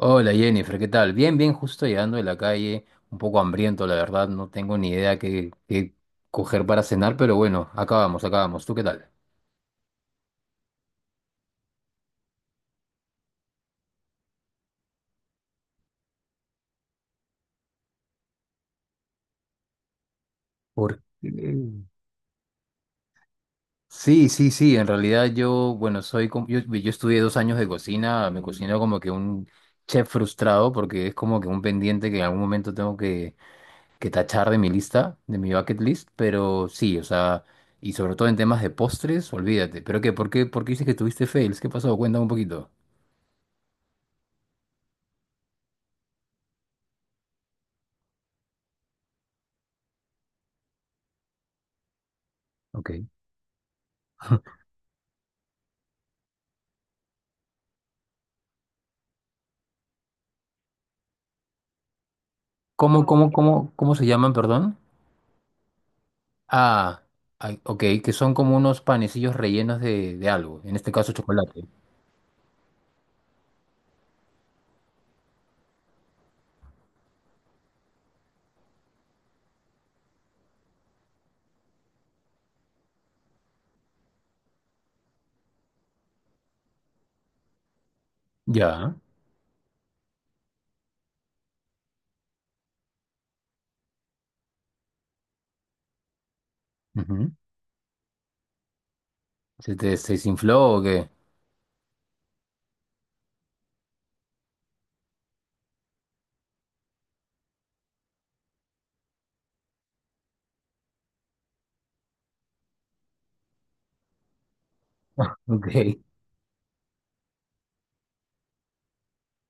Hola Jennifer, ¿qué tal? Bien, justo llegando de la calle, un poco hambriento, la verdad, no tengo ni idea qué coger para cenar, pero bueno, acabamos. ¿Tú qué tal? ¿Por qué? Sí, sí, sí, en realidad yo, bueno, soy, com- yo estudié 2 años de cocina, me cocino como que un chef frustrado porque es como que un pendiente que en algún momento tengo que tachar de mi lista, de mi bucket list, pero sí, o sea, y sobre todo en temas de postres, olvídate. ¿Pero qué? ¿Por qué? ¿Por qué dices que tuviste fails? ¿Qué pasó? Cuéntame un poquito. Ok. ¿Cómo se llaman, perdón? Ah, ay, ok, que son como unos panecillos rellenos de algo, en este caso chocolate. Ya. Ujú. ¿Se te se desinfló o qué? Ok.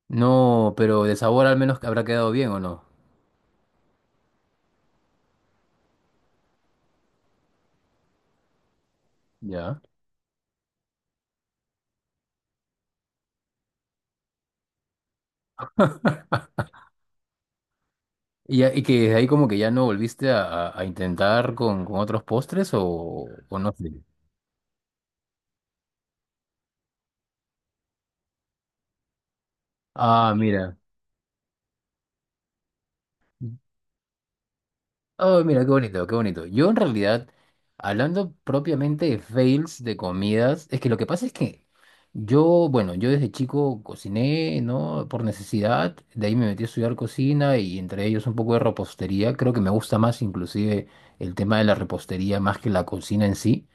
No, pero de sabor al menos que habrá quedado bien o no. Ya. ¿Y que desde ahí como que ya no volviste a intentar con otros postres o no sé? Ah, mira. Oh, mira, qué bonito, qué bonito. Yo en realidad, hablando propiamente de fails de comidas, es que lo que pasa es que yo, bueno, yo desde chico cociné, ¿no? Por necesidad, de ahí me metí a estudiar cocina y entre ellos un poco de repostería. Creo que me gusta más inclusive el tema de la repostería más que la cocina en sí.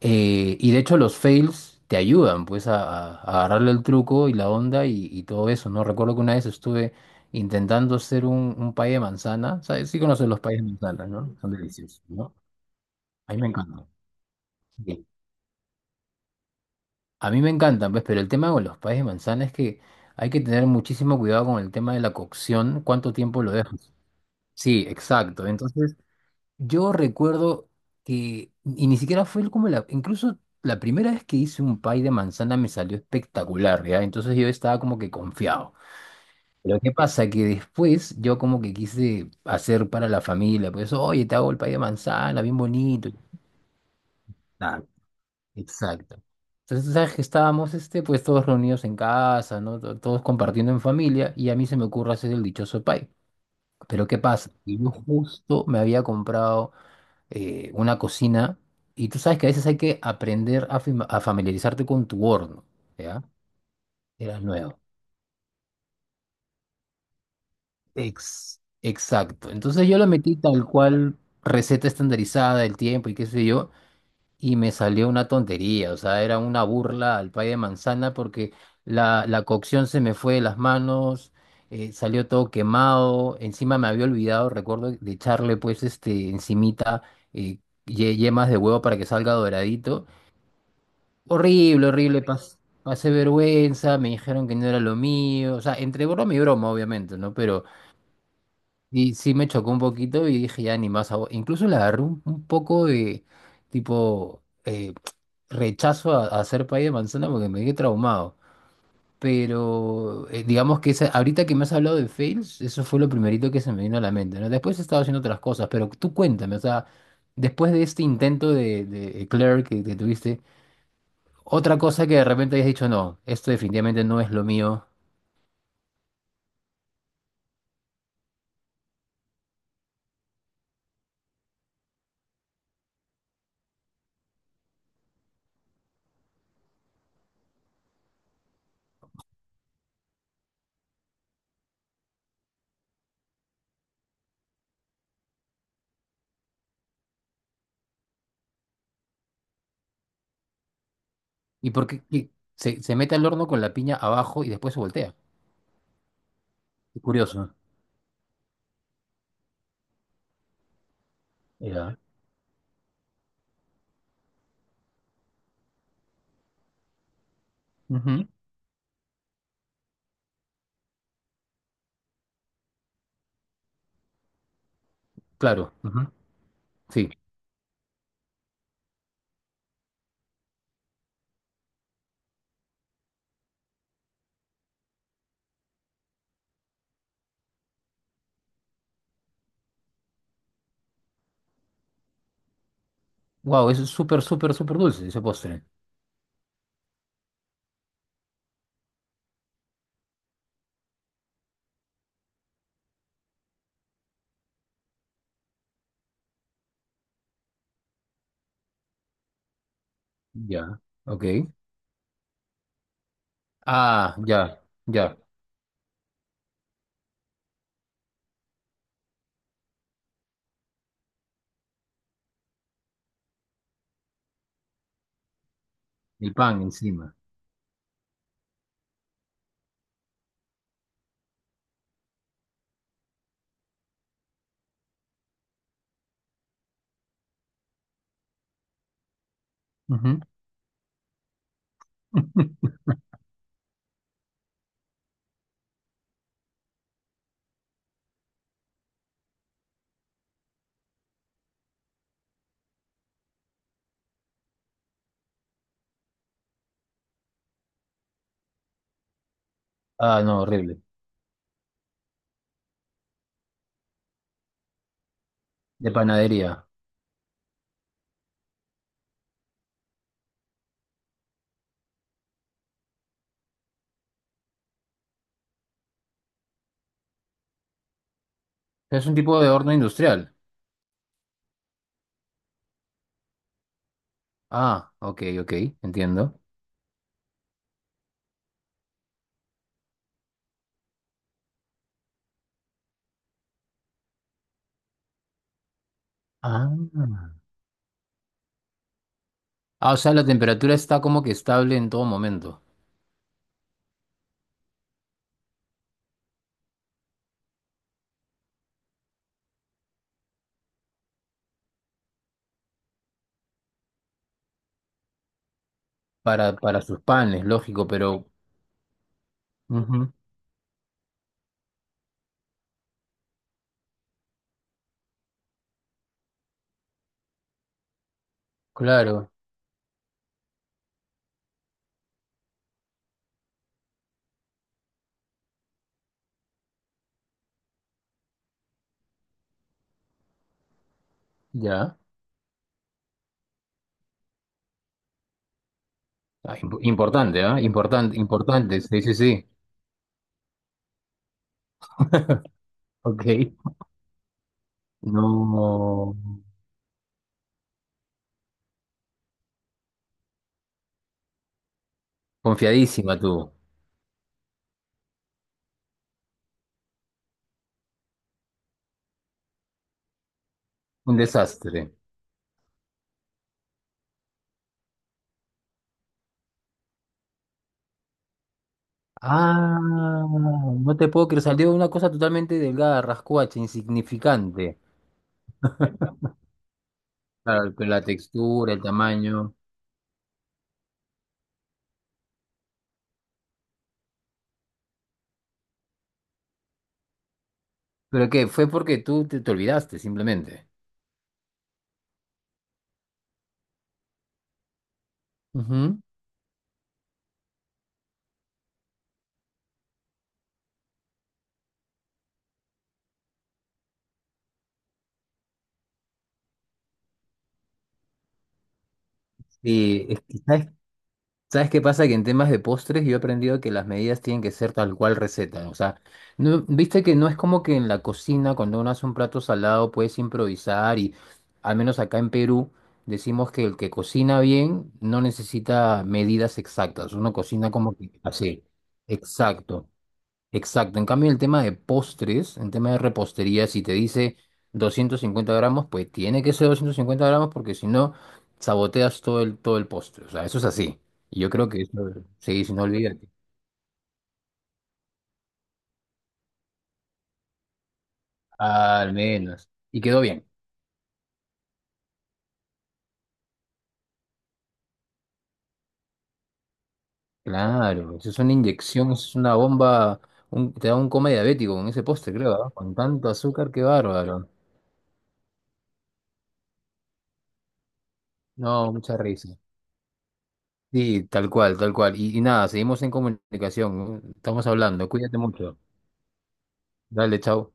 Y de hecho los fails te ayudan pues a agarrarle el truco y la onda y todo eso, ¿no? Recuerdo que una vez estuve intentando hacer un pay de manzana, ¿sabes? Sí conoces los payes de manzana, ¿no? Son deliciosos, ¿no? A mí me encantan. Sí. A mí me encantan, pues, pero el tema con los payes de manzana es que hay que tener muchísimo cuidado con el tema de la cocción, cuánto tiempo lo dejas. Sí, exacto. Entonces... Yo recuerdo que, y ni siquiera fue como la, incluso la primera vez que hice un pie de manzana me salió espectacular, ¿ya? Entonces yo estaba como que confiado. Pero ¿qué pasa? Que después yo como que quise hacer para la familia, pues, oye, te hago el pie de manzana, bien bonito. Ah, exacto. Entonces, ¿sabes que estábamos, este, pues, todos reunidos en casa, ¿no? Todos compartiendo en familia, y a mí se me ocurre hacer el dichoso pie. Pero ¿qué pasa? Que yo justo me había comprado una cocina y tú sabes que a veces hay que aprender a familiarizarte con tu horno, ¿ya? Era nuevo. Exacto. Entonces yo lo metí tal cual, receta estandarizada, el tiempo y qué sé yo, y me salió una tontería, o sea, era una burla al pay de manzana porque la cocción se me fue de las manos. Salió todo quemado, encima me había olvidado, recuerdo, de echarle pues este encimita eh, yemas de huevo para que salga doradito. Horrible, horrible, pasé vergüenza, me dijeron que no era lo mío, o sea, entre broma y broma, obviamente, ¿no? Pero y, sí me chocó un poquito y dije, ya ni más, incluso le agarré un poco de, tipo, rechazo a hacer pay de manzana porque me quedé traumado. Pero digamos que ahorita que me has hablado de fails, eso fue lo primerito que se me vino a la mente, ¿no? Después he estado haciendo otras cosas, pero tú cuéntame, o sea, después de este intento de Eclair que tuviste. Otra cosa que de repente hayas dicho, no, esto definitivamente no es lo mío. ¿Y por qué qué? Se mete al horno con la piña abajo y después se voltea? Qué curioso. Ya. Ujú. Claro. Ujú. Sí. Wow, es súper, súper, súper dulce ese postre. Ya. Ok. Ah, ya, ya. El pan encima. Ujú. Ah, no, horrible. De panadería. Es un tipo de horno industrial. Ah, ok, ok, entiendo. Ah. Ah, o sea, la temperatura está como que estable en todo momento. Para sus panes, lógico, pero ujú, claro, ya. Ah, importante, ¿ah? Importante, importante, sí, sí, sí. Ok. No, confiadísima tú. Un desastre. Ah, no te puedo creer, salió una cosa totalmente delgada, rascuacha, insignificante. Claro, con la textura, el tamaño. ¿Pero qué? Fue porque tú te olvidaste, simplemente. Ujú. Sí, es que, ¿sabes ¿Sabes qué pasa? Que en temas de postres yo he aprendido que las medidas tienen que ser tal cual receta. O sea, no, viste que no es como que en la cocina cuando uno hace un plato salado puedes improvisar y al menos acá en Perú decimos que el que cocina bien no necesita medidas exactas. Uno cocina como que así. Exacto. Exacto, en cambio el tema de postres, en tema de repostería, si te dice 250 gramos, pues tiene que ser 250 gramos porque si no, saboteas todo el postre. O sea, eso es así. Y yo creo que eso, sí, si no olvídate. Al menos. Y quedó bien. Claro, eso es una inyección, eso es una bomba, te da un coma diabético con ese postre, creo, ¿ah? Con tanto azúcar, qué bárbaro. No, mucha risa. Sí, tal cual, tal cual. Y nada, seguimos en comunicación. ¿No? Estamos hablando, cuídate mucho. Dale, chao.